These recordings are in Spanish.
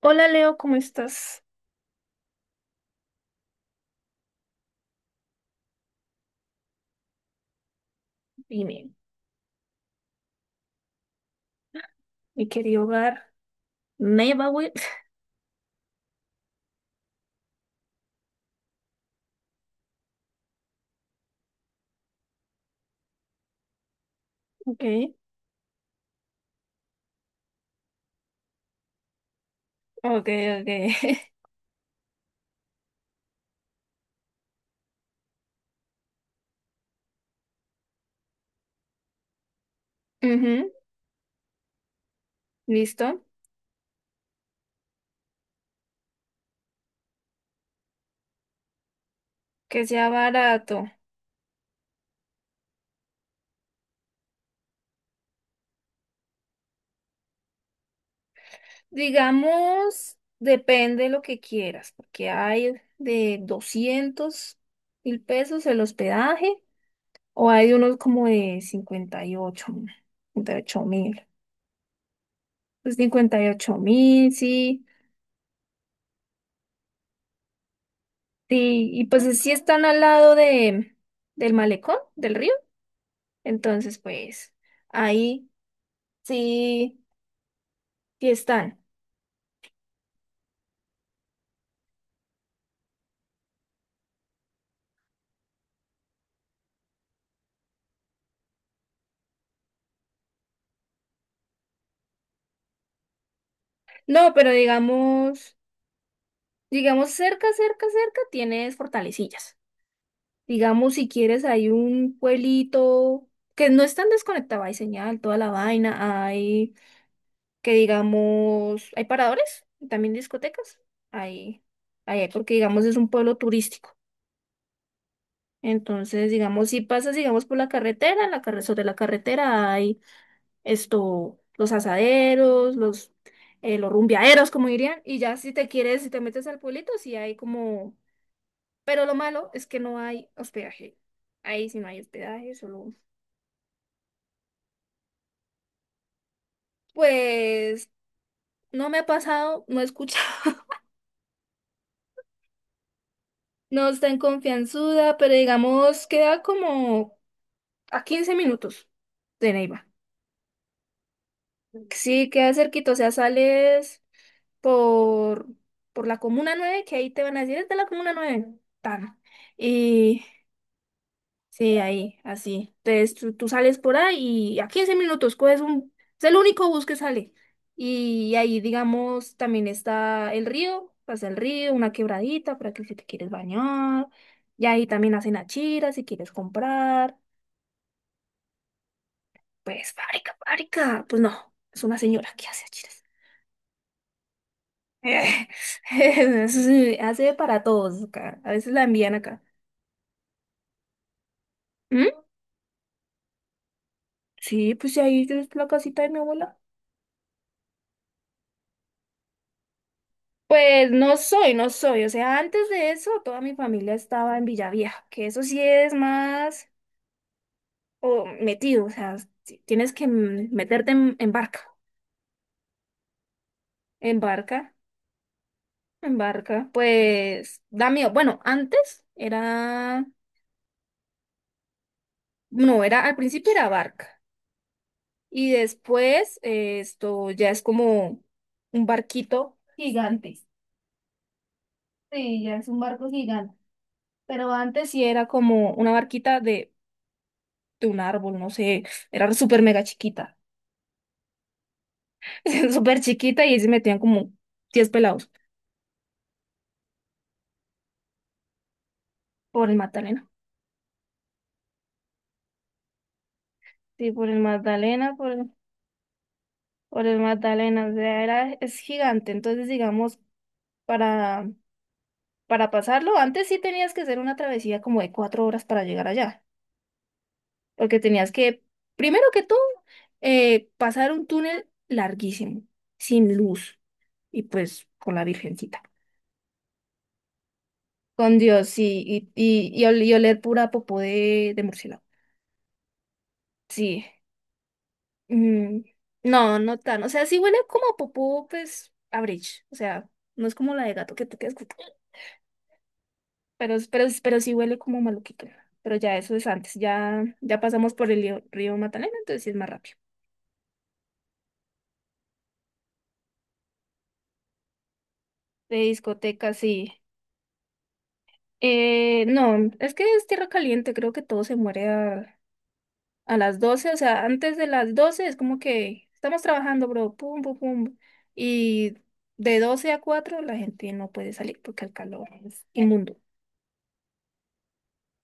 Hola Leo, ¿cómo estás? Dime, mi querido hogar. Neighborhood. Ok, ok, ok. Ujú. Listo. Que sea barato. Digamos, depende de lo que quieras, porque hay de $200.000 el hospedaje o hay unos como de 58.000. Pues 58.000, sí. Sí, y pues sí están al lado del malecón, del río. Entonces, pues ahí sí, sí están. No, pero digamos cerca, cerca, cerca tienes Fortalecillas. Digamos, si quieres, hay un pueblito que no es tan desconectado, hay señal, toda la vaina, hay que digamos, hay paradores, también discotecas, hay, hay, porque digamos es un pueblo turístico. Entonces, digamos, si pasas, digamos, por la carretera, sobre la carretera hay esto, los asaderos, los rumbeaderos, como dirían, y ya si te quieres, si te metes al pueblito, sí hay como. Pero lo malo es que no hay hospedaje. Ahí sí no hay hospedaje, solo. Pues no me ha pasado, no he escuchado, no está en confianzuda, pero digamos queda como a 15 minutos de Neiva. Sí, queda cerquita, o sea, sales por, por la Comuna 9 que ahí te van a decir, es de la Comuna 9 tan. Y sí, ahí, así. Entonces tú sales por ahí y a 15 minutos coges un. Es el único bus que sale. Y ahí, digamos, también está el río, pasa el río, una quebradita para que si te quieres bañar. Y ahí también hacen achiras si quieres comprar. Pues fábrica, fábrica. Pues no, es una señora que hace achiras. Sí, hace para todos acá. A veces la envían acá. ¿Mm? Sí, pues si ahí es la casita de mi abuela. Pues no soy, no soy. O sea, antes de eso, toda mi familia estaba en Villavieja, que eso sí es más o metido. O sea, si tienes que meterte en barca. En barca, en barca. Pues da miedo. Bueno, antes era, no, era, al principio era barca. Y después esto ya es como un barquito gigante. Sí, ya es un barco gigante. Pero antes sí era como una barquita de un árbol, no sé, era súper mega chiquita, súper chiquita y ahí se metían como 10 pelados por el Magdalena. Sí, por el Magdalena, por el Magdalena, o sea, era, es gigante, entonces digamos, para, para pasarlo, antes sí tenías que hacer una travesía como de 4 horas para llegar allá, porque tenías que, primero que todo, pasar un túnel larguísimo, sin luz, y pues con la Virgencita. Con Dios, sí, y oler pura popó de murciélago. Sí. Mm, no, no tan. O sea, sí huele como a popó, pues, a bridge. O sea, no es como la de gato que te quedas. Pero sí huele como maluquito. Pero ya eso es antes. Ya pasamos por el río, río Magdalena, entonces sí es más rápido. De discoteca, sí. No, es que es tierra caliente. Creo que todo se muere a las 12. O sea, antes de las 12 es como que estamos trabajando, bro. Pum, pum, pum. Y de 12 a 4 la gente no puede salir porque el calor es inmundo.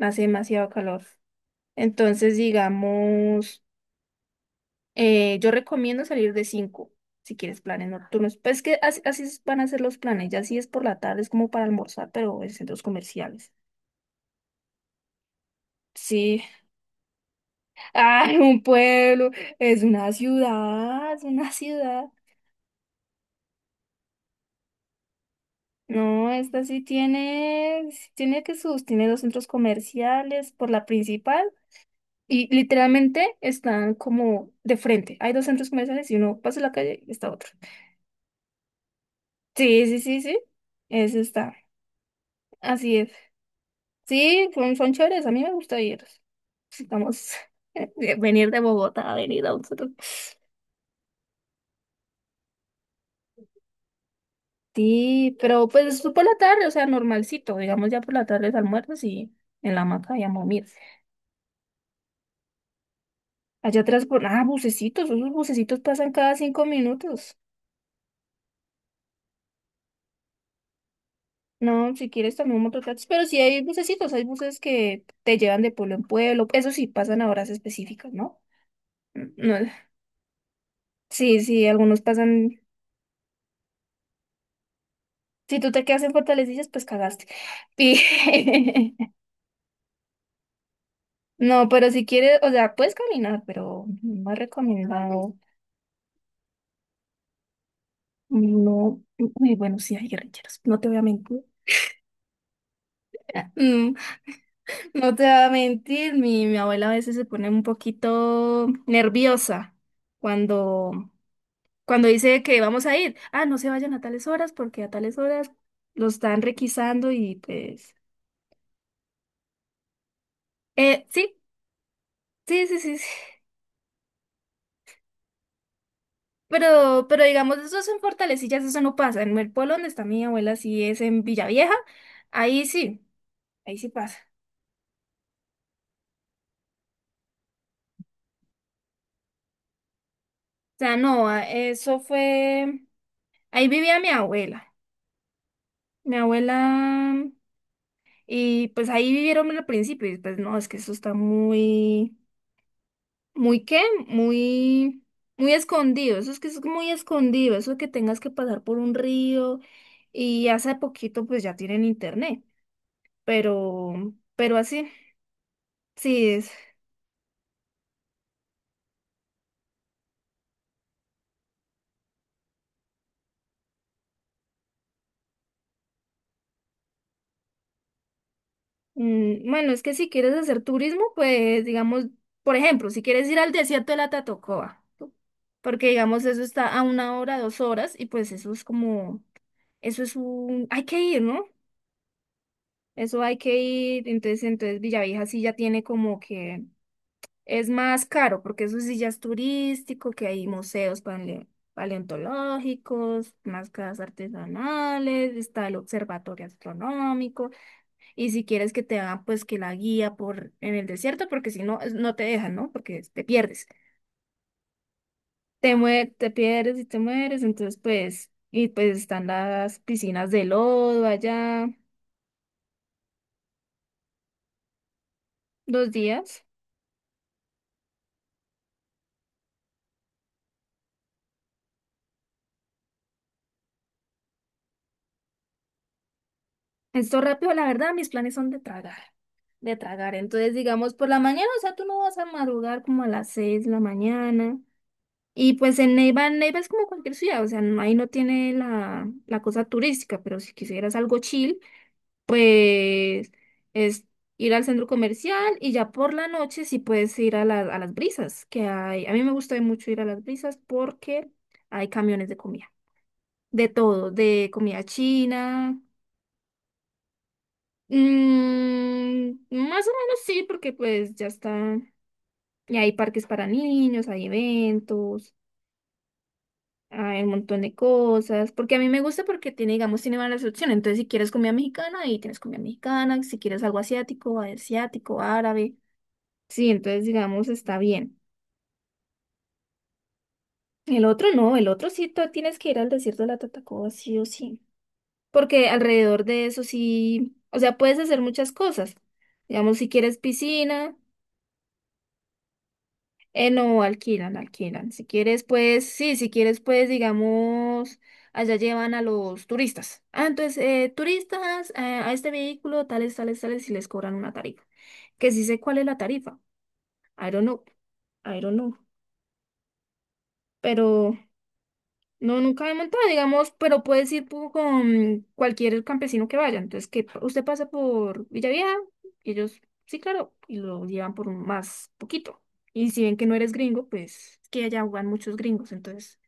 Hace demasiado calor. Entonces, digamos, yo recomiendo salir de 5, si quieres planes nocturnos. Pues es que así, van a ser los planes, ya si es por la tarde, es como para almorzar, pero en centros comerciales. Sí, ay, un pueblo, es una ciudad, es una ciudad. No, esta sí tiene que sus, tiene dos centros comerciales por la principal y literalmente están como de frente. Hay dos centros comerciales y uno pasa la calle y está otro. Sí, sí, sí, sí. Eso está. Así es. Sí, son chéveres. A mí me gusta ir. Estamos de venir de Bogotá a venir a nosotros. Sí, pero pues tú por la tarde, o sea, normalcito. Digamos ya por la tarde almuerzas y en la hamaca y a mira. Allá atrás, bucecitos. Esos bucecitos pasan cada 5 minutos. No, si quieres también mototaxis, pero sí hay bucecitos. Hay buses que te llevan de pueblo en pueblo. Eso sí, pasan a horas específicas, ¿no? No, sí, sí, algunos pasan. Si tú te quedas en Fortalecillas, pues cagaste. Y- No, pero si quieres, o sea, puedes caminar, pero no es recomendado. No, uy, bueno, sí hay guerrilleros, no te voy a mentir. Mm. No te voy a mentir, mi abuela a veces se pone un poquito nerviosa cuando, cuando dice que vamos a ir. Ah, no se vayan a tales horas porque a tales horas los están requisando y pues. Sí, sí, sí, sí. Sí. Pero digamos, eso es en Fortalecillas, eso no pasa. En el pueblo donde está mi abuela, sí es en Villavieja, ahí sí, ahí sí pasa. O sea, no, eso fue, ahí vivía mi abuela, mi abuela, y pues ahí vivieron al principio, y después no, es que eso está muy, muy qué, muy, muy escondido, eso es que es muy escondido, eso de que tengas que pasar por un río, y hace poquito pues ya tienen internet, pero así, sí es. Bueno, es que si quieres hacer turismo, pues digamos, por ejemplo, si quieres ir al desierto de la Tatacoa, ¿no? Porque digamos eso está a una hora, 2 horas, y pues eso es como, eso es un, hay que ir, ¿no? Eso hay que ir, entonces Villavieja sí ya tiene como que es más caro, porque eso sí ya es turístico, que hay museos paleontológicos, máscaras artesanales, está el observatorio astronómico. Y si quieres que te haga, pues que la guía por en el desierto, porque si no, no te dejan, ¿no? Porque te pierdes. Te pierdes y te mueres, entonces pues, y pues están las piscinas de lodo allá, 2 días. Esto rápido, la verdad, mis planes son de tragar, de tragar. Entonces, digamos, por la mañana, o sea, tú no vas a madrugar como a las 6 de la mañana. Y pues en Neiva, es como cualquier ciudad, o sea, ahí no tiene la cosa turística, pero si quisieras algo chill. Pues es ir al centro comercial y ya por la noche sí puedes ir a las brisas, que hay, a mí me gusta mucho ir a las brisas porque hay camiones de comida, de todo, de comida china. Más o menos sí, porque pues ya está, y hay parques para niños, hay eventos. Hay un montón de cosas, porque a mí me gusta porque tiene, digamos, tiene varias opciones. Entonces, si quieres comida mexicana, ahí tienes comida mexicana. Si quieres algo asiático, asiático, árabe. Sí, entonces digamos está bien. El otro no, el otro sí tú tienes que ir al desierto de la Tatacoa sí o sí, porque alrededor de eso sí, o sea, puedes hacer muchas cosas. Digamos, si quieres piscina, no, alquilan, alquilan. Si quieres, pues, sí, si quieres, pues, digamos, allá llevan a los turistas. Ah, entonces, turistas, a este vehículo, tales, tales, tales, y les cobran una tarifa. Que sí sé cuál es la tarifa. I don't know, I don't know, pero. No, nunca me he montado, digamos, pero puedes ir con cualquier campesino que vaya. Entonces, que usted pasa por Villavieja, y ellos, sí, claro, y lo llevan por un más poquito. Y si ven que no eres gringo, pues es que allá van muchos gringos. Entonces,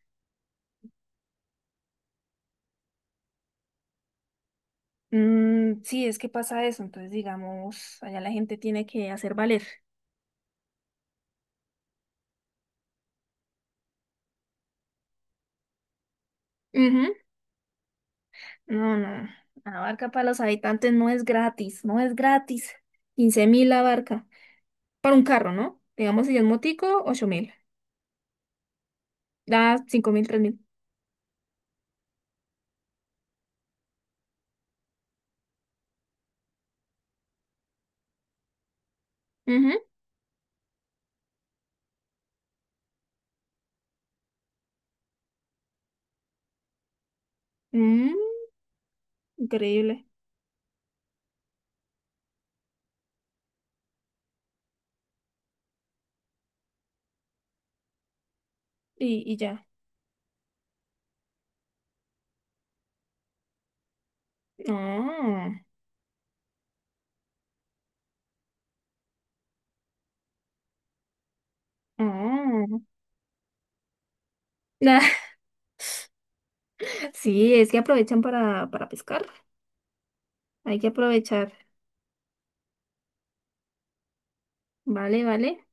sí, es que pasa eso. Entonces, digamos, allá la gente tiene que hacer valer. Ujú. No, no. La barca para los habitantes no es gratis, no es gratis. 15.000 la barca. Para un carro, ¿no? Digamos, si es motico, 8.000. Da 5 mil. Ujú. Mm, increíble. Y ya. Ah, ah. Nah, sí, es que aprovechan para pescar. Hay que aprovechar. Vale, vale.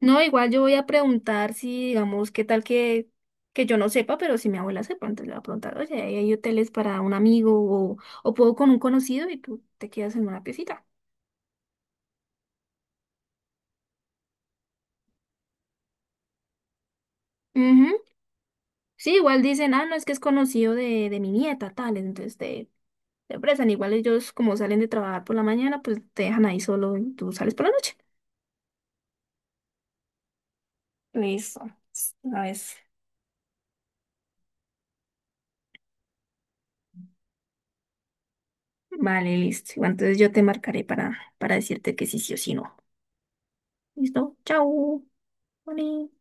No, igual yo voy a preguntar si, digamos, qué tal que, yo no sepa, pero si mi abuela sepa, entonces le voy a preguntar, oye, ¿hay hoteles para un amigo o, o puedo con un conocido y tú te quedas en una piecita? Ujú. Sí, igual dicen, ah, no, es que es conocido de mi nieta, tal, entonces te, la empresa. Igual ellos como salen de trabajar por la mañana, pues te dejan ahí solo y tú sales por la noche. Listo. Una vez. Vale, listo. Igual, entonces yo te marcaré para decirte que sí, sí o sí no. ¿Listo? Chao. Vale.